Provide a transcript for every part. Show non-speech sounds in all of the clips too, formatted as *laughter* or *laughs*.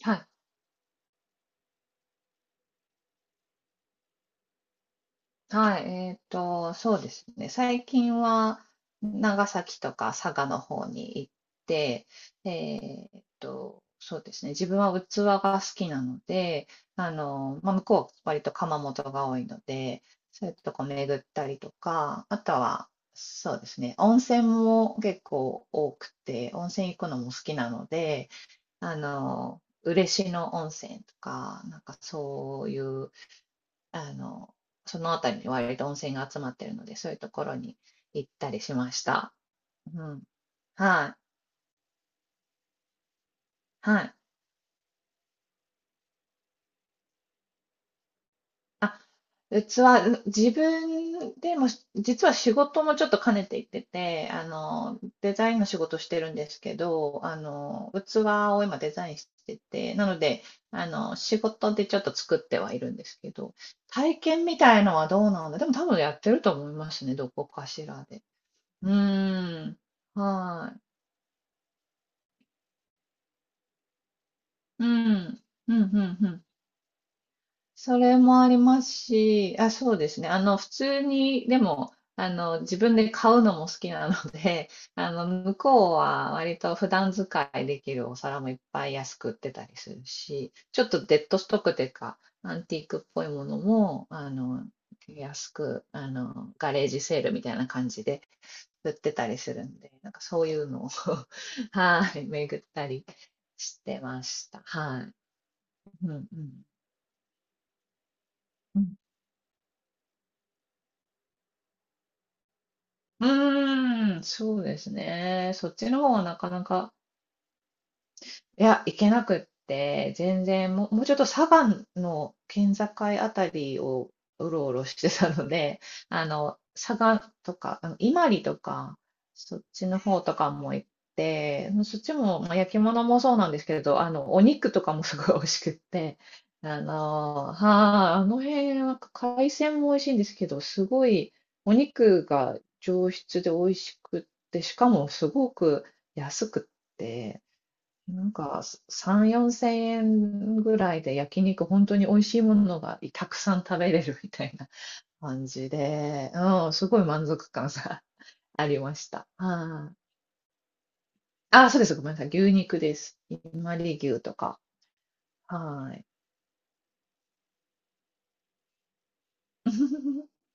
はい。はい。そうですね。最近は長崎とか佐賀の方に行って、えそうですね。自分は器が好きなので、向こうは割と窯元が多いので、そういうとこ巡ったりとか、あとは、そうですね。温泉も結構多くて、温泉行くのも好きなので、嬉野温泉とか、なんかそういうあの、その辺りに割と温泉が集まってるので、そういうところに行ったりしました。うん。はい。はい。あ、器、自分でも、実は仕事もちょっと兼ねていってて、デザインの仕事してるんですけど、器を今デザインしてて、なので、仕事でちょっと作ってはいるんですけど、体験みたいのはどうなんだ。でも多分やってると思いますね、どこかしらで。うーん。はい。うん。うん、うん、うん。それもありますし、あ、そうですね。普通に、でも、自分で買うのも好きなので、*laughs* 向こうは割と普段使いできるお皿もいっぱい安く売ってたりするし、ちょっとデッドストックというか、アンティークっぽいものも、安く、ガレージセールみたいな感じで売ってたりするんで、なんかそういうのを *laughs* はい、巡ったりしてました。はい。うん、うん。うん、うーん、そうですね。そっちの方がなかなか、いや、行けなくって、全然、もうちょっと佐賀の県境あたりをうろうろしてたので、*laughs* 佐賀とか、伊万里とか、そっちの方とかも行って、そっちも、まあ、焼き物もそうなんですけれど、お肉とかもすごい美味しくって、はい、あの辺は海鮮も美味しいんですけど、すごいお肉が上質で美味しくって、しかもすごく安くって、なんか3、4千円ぐらいで焼肉、本当に美味しいものがたくさん食べれるみたいな感じで、うん、すごい満足感さ、*laughs* ありました。はい。あ、そうです。ごめんなさい。牛肉です。ひまり牛とか。はい。*laughs*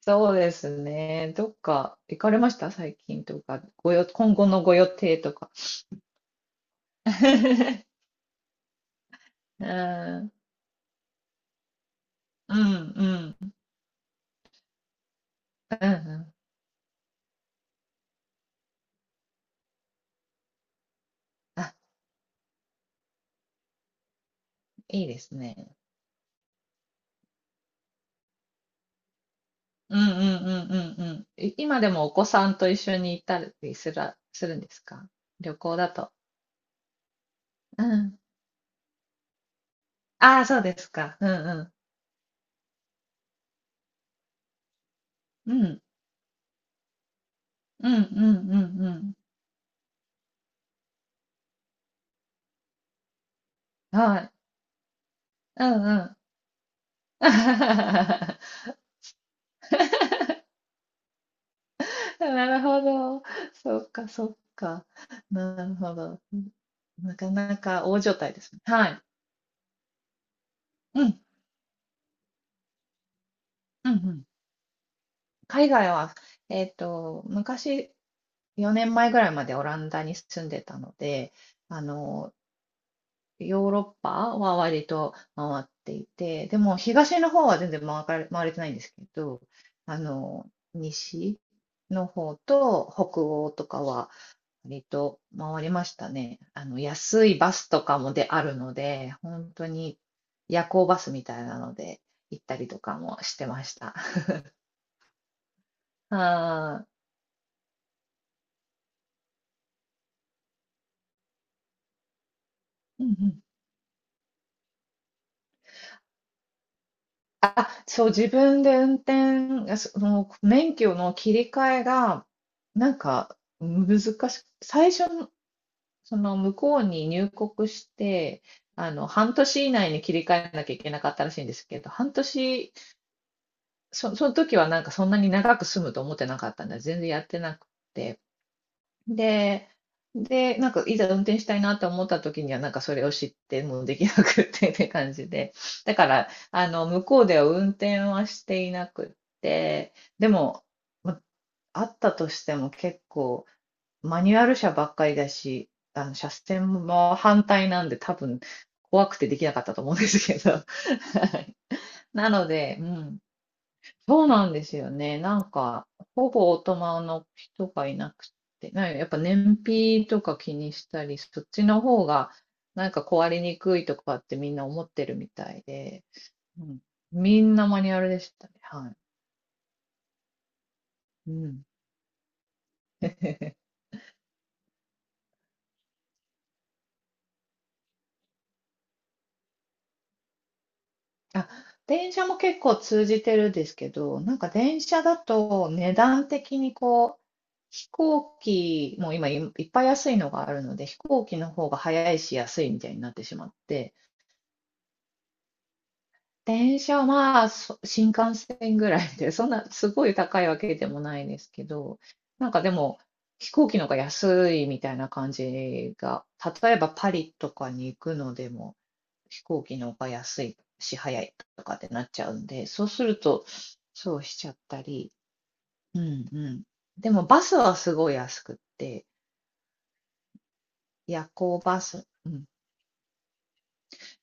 そうですね。どっか行かれました最近とか？今後のご予定とか？*laughs* うん、うん、うん、うん、うん。あ、いいですね。うんうんうんうんうん。今でもお子さんと一緒に行ったりするんですか？旅行だと。うん。ああ、そうですか。うんうん。うん。うんうんうんうん。はい。うんうん。*laughs* なるほど。そっかそっか。なるほど。なかなか大所帯ですね。はい。うん。うんうん。海外は、昔、4年前ぐらいまでオランダに住んでたので、あの、ヨーロッパは割と回っていて、でも東の方は全然回れてないんですけど、西の方と北欧とかは割と回りましたね。安いバスとかもであるので、本当に夜行バスみたいなので行ったりとかもしてました。あーうんうん、そう、自分で運転、その免許の切り替えが、なんか難しく、その向こうに入国して、半年以内に切り替えなきゃいけなかったらしいんですけど、半年、その時はなんかそんなに長く住むと思ってなかったんで、全然やってなくて。で、で、なんかいざ運転したいなと思った時には、なんかそれを知ってもうできなくって *laughs* って感じで。だから、向こうでは運転はしていなくって、でも、まあったとしても結構、マニュアル車ばっかりだし、車線も反対なんで多分怖くてできなかったと思うんですけど。*laughs* なので、うん。そうなんですよね。なんか、ほぼオートマの人がいなくて、なんかやっぱ燃費とか気にしたり、そっちの方がなんか壊れにくいとかってみんな思ってるみたいで、うん。みんなマニュアルでしたね。はい。うん。*laughs* あ、電車も結構通じてるんですけど、なんか電車だと値段的にこう、飛行機も今いっぱい安いのがあるので、飛行機の方が早いし安いみたいになってしまって、電車は、新幹線ぐらいで、*laughs* そんなすごい高いわけでもないですけど、なんかでも、飛行機の方が安いみたいな感じが、例えばパリとかに行くのでも、飛行機の方が安いし、早いとかってなっちゃうんで、そうすると、そうしちゃったり、うんうん。でもバスはすごい安くって、夜行バス、うん、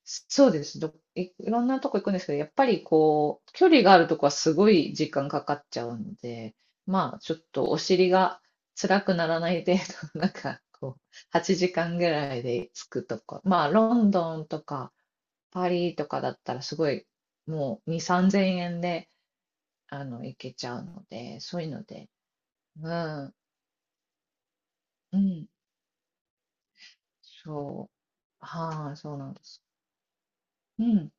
そうです。いろんなとこ行くんですけど、やっぱりこう、距離があるとこはすごい時間かかっちゃうので、まあ、ちょっとお尻が辛くならない程度、*laughs* なんかこう、8時間ぐらいで着くとか、まあ、ロンドンとかパリとかだったらすごい、もう2、3000円で、行けちゃうので、そういうので、うん、うん、そう、はい、そうなんです。うん、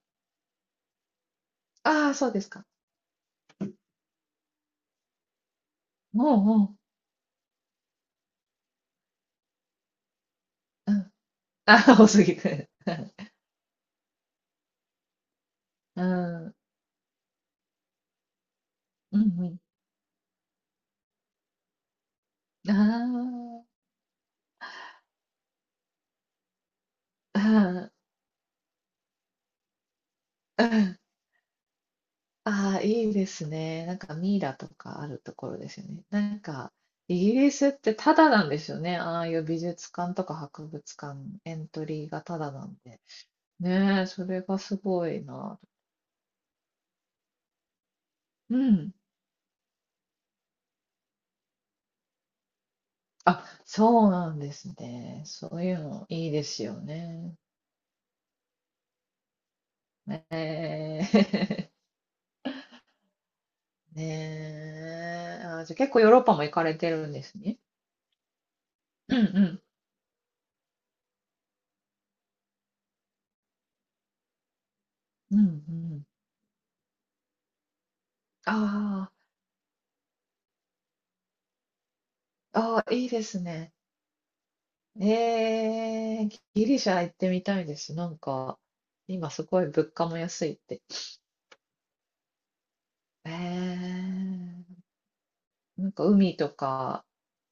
ああ、そうですか。もう、もう、うん、ああ、多すぎて。うん、うんうん。ああ、ああ、うん。ああ、いいですね。なんかミイラとかあるところですよね。なんか、イギリスってタダなんですよね。ああいう美術館とか博物館、エントリーがタダなんで。ねえ、それがすごいな。うん。あ、そうなんですね。そういうのいいですよね。ねえ。*laughs* ねえ。あ、じゃあ結構ヨーロッパも行かれてるんですね。うんうん。うんうん。ああ、ああ、いいですね。ええギリシャ行ってみたいです。なんか、今すごい物価も安いって。ええなんか海とか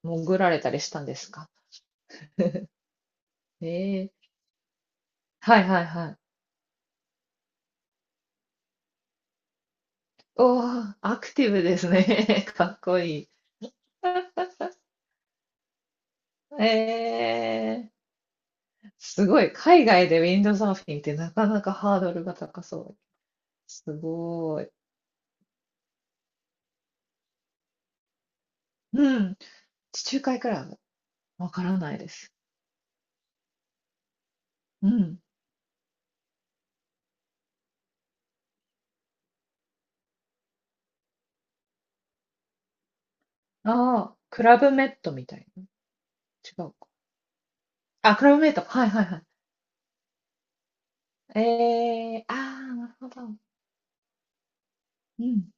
潜られたりしたんですか？ええはいはいはい。おお、アクティブですね。*laughs* かっこいい。ええすごい。海外でウィンドサーフィンってなかなかハードルが高そう。すごい。うん。地中海クラブ。わからないです。うん。ああ、クラブメットみたいな。違うか。あ、クラブメット。はいはいはい。ええああ、なるほど。うん。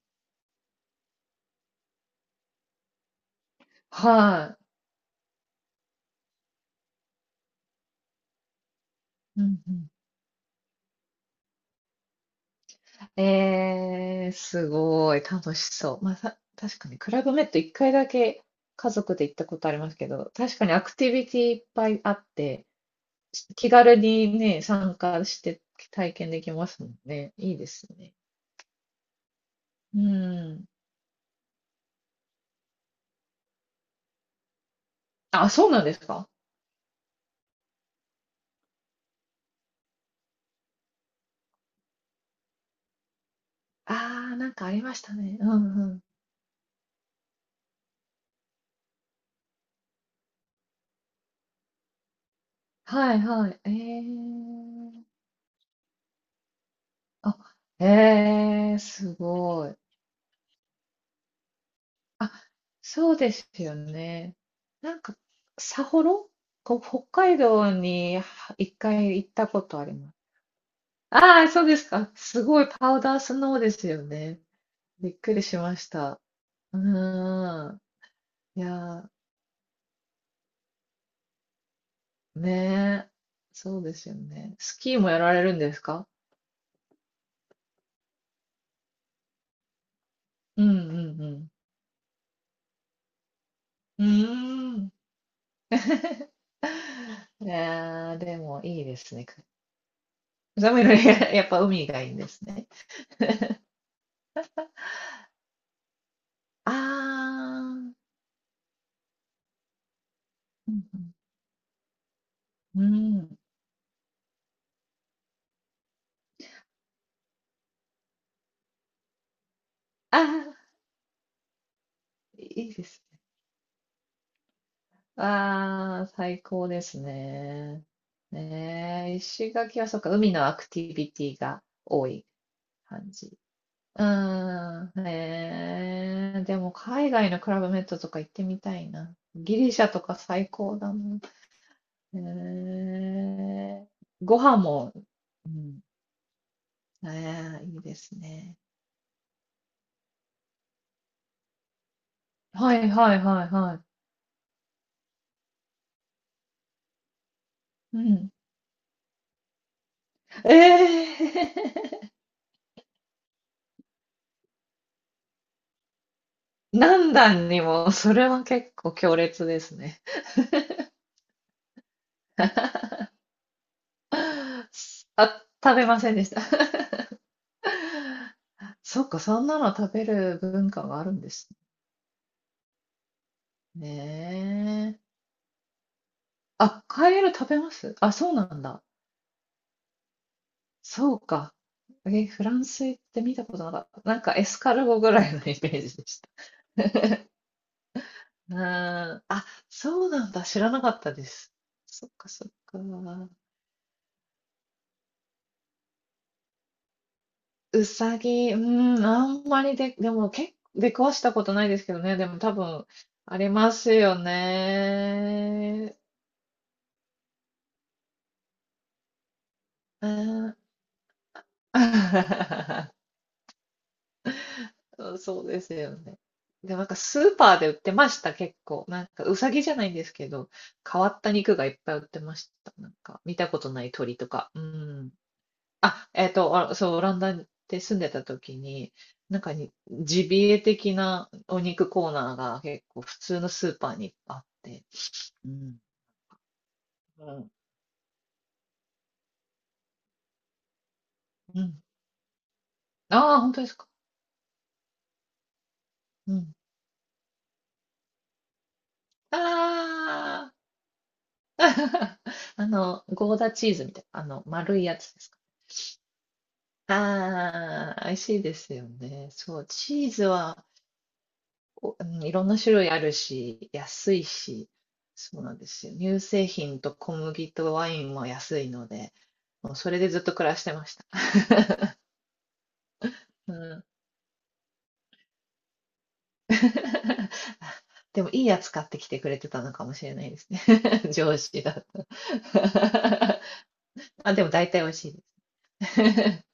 はい。うんうん。ええすごい。楽しそう。まあ、確かに、クラブメット一回だけ家族で行ったことありますけど、確かにアクティビティいっぱいあって、気軽にね、参加して体験できますもんね。いいですね。うん。あ、そうなんですか？ああー、なんかありましたね。うんうん。はいはい。ー、あ、すごい。あ、そうですよね。なんか、札幌こ、北海道には一回行ったことあります。ああ、そうですか。すごいパウダースノーですよね。びっくりしました。うーん。いやー、ねえ。そうですよね。スキーもやられるんですか？うんうんうん。うーん。*laughs* いやー、でもいいですね。寒いのに *laughs* やっぱ海がいいんですね。あー、うんうん、うん。あー、いいですね。あー、最高ですね。ねえ、石垣はそっか、海のアクティビティが多い感じ。うーん、ねえ、でも海外のクラブメットとか行ってみたいな。ギリシャとか最高だな。へえ。ご飯も、うん。ええ、いいですね。はいはいはいはい。うん。ええ。何段にも、それは結構強烈ですね。あ、食べませんでした。*laughs* そっか、そんなの食べる文化があるんですね。あ、カエル食べます？あ、そうなんだ。そうか。え、フランス行って見たことなかった。なんかエスカルゴぐらいのイメージでした。うーん。あ、そうなんだ。知らなかったです。そっかそっか。うさぎ、うーん、あんまりで、でも結構出くわしたことないですけどね。でも多分、ありますよね。うん。*laughs* そうですよね。でもなんかスーパーで売ってました、結構。なんかうさぎじゃないんですけど、変わった肉がいっぱい売ってました。なんか見たことない鳥とか。うん。あ、あそう、オランダで住んでた時に、ジビエ的なお肉コーナーが結構普通のスーパーにあって、うん。うん。うん。ああ、本当ですか？うん。ああ。*laughs* ゴーダチーズみたいな、丸いやつですか？ああ、美味しいですよね。そう、チーズは、うん、いろんな種類あるし、安いし、そうなんですよ。乳製品と小麦とワインも安いので、もうそれでずっと暮らしてました。*laughs* うん。*laughs* でもいいやつ買ってきてくれてたのかもしれないですね。*laughs* 上司だと。*laughs* あ、でも大体美味しいです。